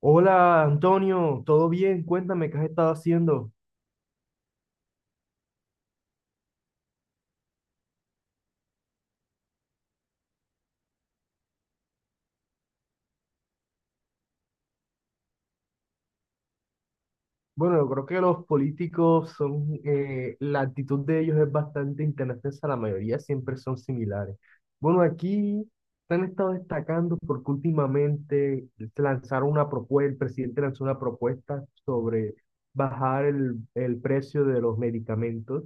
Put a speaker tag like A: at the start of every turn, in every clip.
A: Hola Antonio, ¿todo bien? Cuéntame, ¿qué has estado haciendo? Bueno, yo creo que los políticos son, la actitud de ellos es bastante intensa, la mayoría siempre son similares. Bueno, aquí se han estado destacando porque últimamente se lanzaron una propuesta, el presidente lanzó una propuesta sobre bajar el precio de los medicamentos,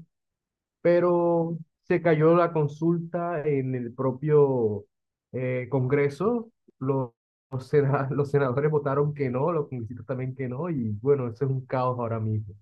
A: pero se cayó la consulta en el propio Congreso. Los los senadores votaron que no, los congresistas también que no, y bueno, eso es un caos ahora mismo.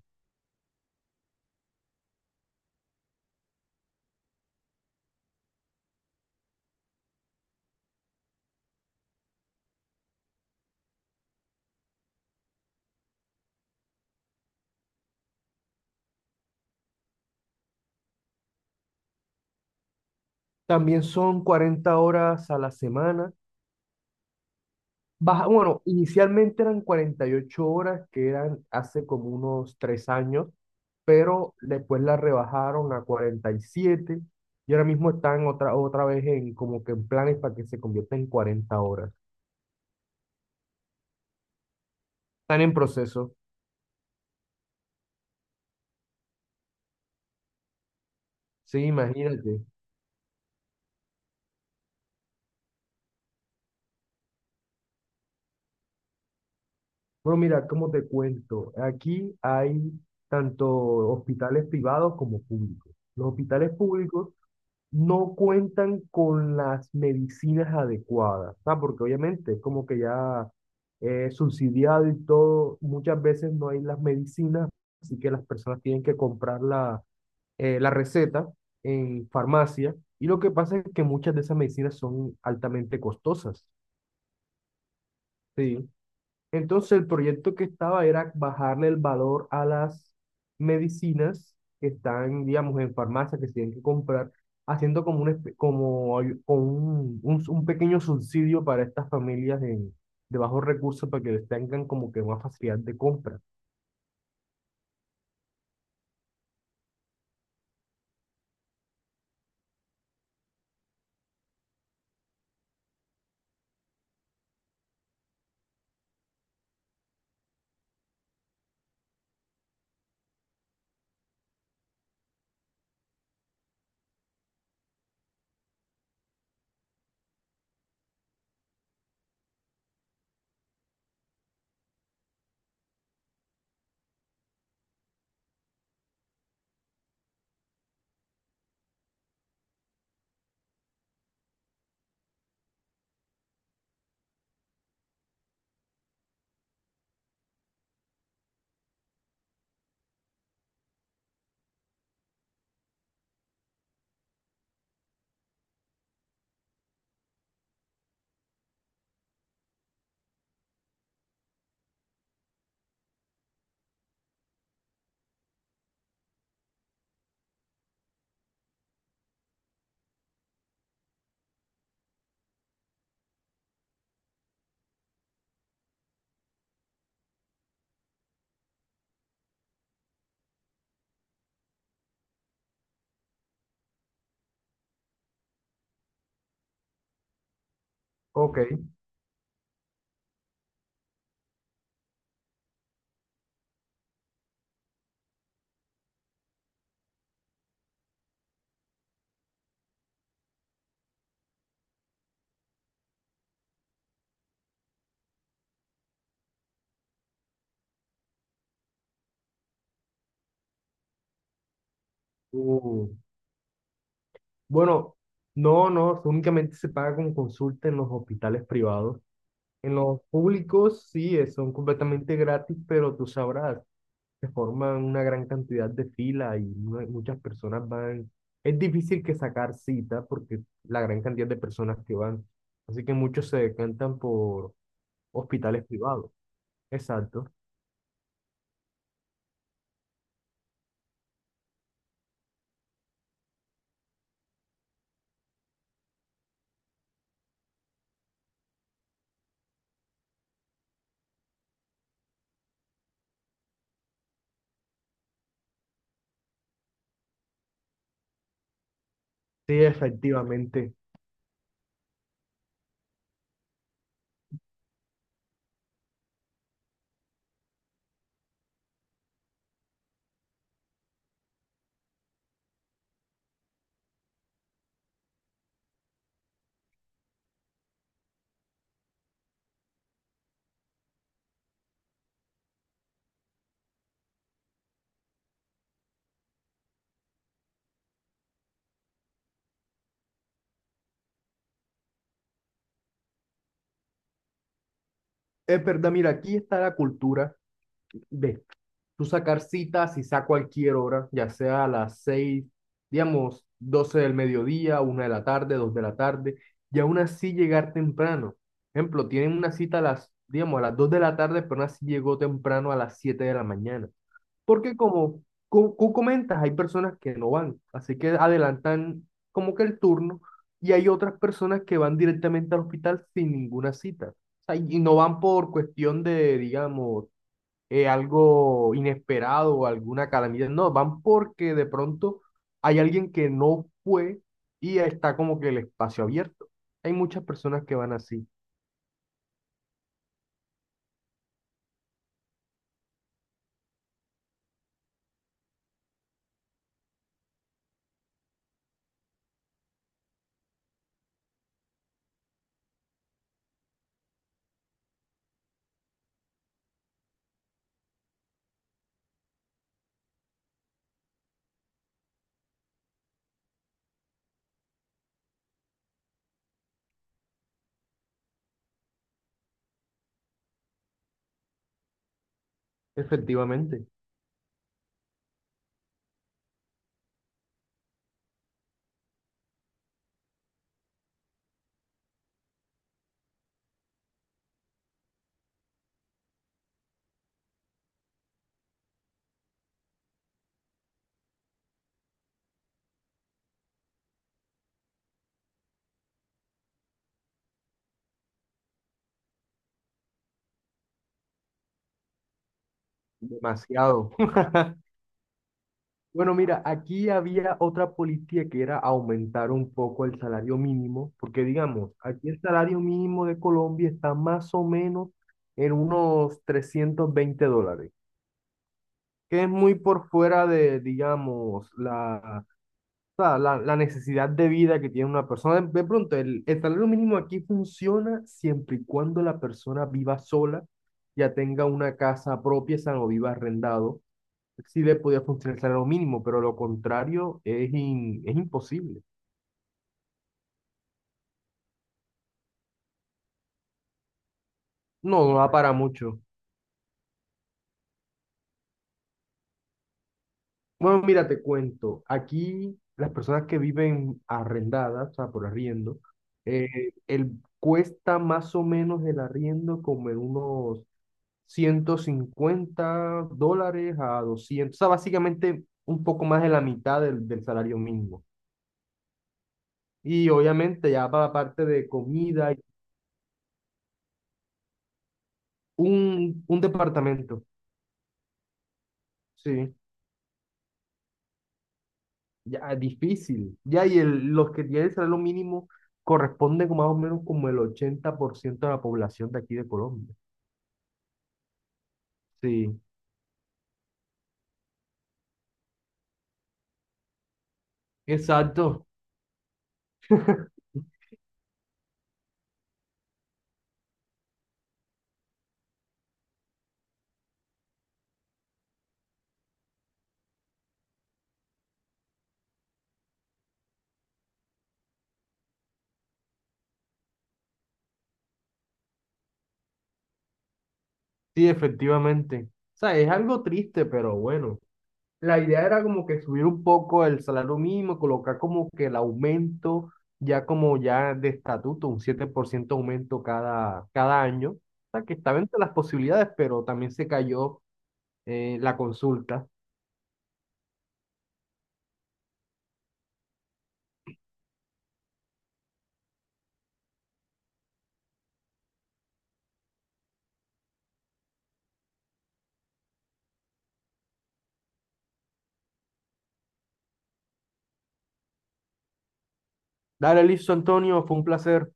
A: También son 40 horas a la semana. Baja, bueno, inicialmente eran 48 horas, que eran hace como unos 3 años, pero después la rebajaron a 47 y siete y ahora mismo están otra vez en como que en planes para que se convierta en 40 horas. Están en proceso, sí, imagínate. Bueno, mira, cómo te cuento, aquí hay tanto hospitales privados como públicos. Los hospitales públicos no cuentan con las medicinas adecuadas, ¿sabes? Porque obviamente es como que ya subsidiado y todo, muchas veces no hay las medicinas, así que las personas tienen que comprar la, la receta en farmacia. Y lo que pasa es que muchas de esas medicinas son altamente costosas, ¿sí? Entonces el proyecto que estaba era bajarle el valor a las medicinas que están, digamos, en farmacia, que se tienen que comprar, haciendo como un, como un, pequeño subsidio para estas familias de bajos recursos para que les tengan como que más facilidad de compra. Ok. Uh, bueno, no, no, únicamente se paga con consulta en los hospitales privados. En los públicos sí, son completamente gratis, pero tú sabrás, se forman una gran cantidad de filas y muchas personas van. Es difícil que sacar cita porque la gran cantidad de personas que van. Así que muchos se decantan por hospitales privados. Exacto. Sí, efectivamente. Es verdad, mira, aquí está la cultura de tú sacar citas y a cualquier hora, ya sea a las 6, digamos, 12 del mediodía, 1 de la tarde, 2 de la tarde, y aún así llegar temprano. Ejemplo, tienen una cita a las, digamos, a las 2 de la tarde, pero aún así llegó temprano a las 7 de la mañana. Porque como tú comentas, hay personas que no van, así que adelantan como que el turno y hay otras personas que van directamente al hospital sin ninguna cita. O sea, y no van por cuestión de, digamos, algo inesperado o alguna calamidad, no, van porque de pronto hay alguien que no fue y está como que el espacio abierto. Hay muchas personas que van así, efectivamente, demasiado. Bueno, mira, aquí había otra política que era aumentar un poco el salario mínimo, porque digamos, aquí el salario mínimo de Colombia está más o menos en unos 320 dólares, que es muy por fuera de, digamos, la, o sea, la necesidad de vida que tiene una persona. De pronto, el salario mínimo aquí funciona siempre y cuando la persona viva sola, ya tenga una casa propia, o sea, no viva arrendado, sí le podía funcionar el salario mínimo, pero lo contrario es, es imposible. No, no da para mucho. Bueno, mira, te cuento. Aquí las personas que viven arrendadas, o sea, por arriendo, eh, el, cuesta más o menos el arriendo como en unos 150 dólares a 200, o sea, básicamente un poco más de la mitad del salario mínimo. Y obviamente ya para la parte de comida, un, departamento, sí. Ya, ah, difícil. Ya, y el, los que tienen el salario mínimo corresponden con más o menos como el 80% de la población de aquí de Colombia. Sí, exacto. Sí, efectivamente. O sea, es algo triste, pero bueno. La idea era como que subir un poco el salario mínimo, colocar como que el aumento ya como ya de estatuto, un 7% aumento cada año. O sea, que estaba entre las posibilidades, pero también se cayó la consulta. Dale, listo, Antonio, fue un placer.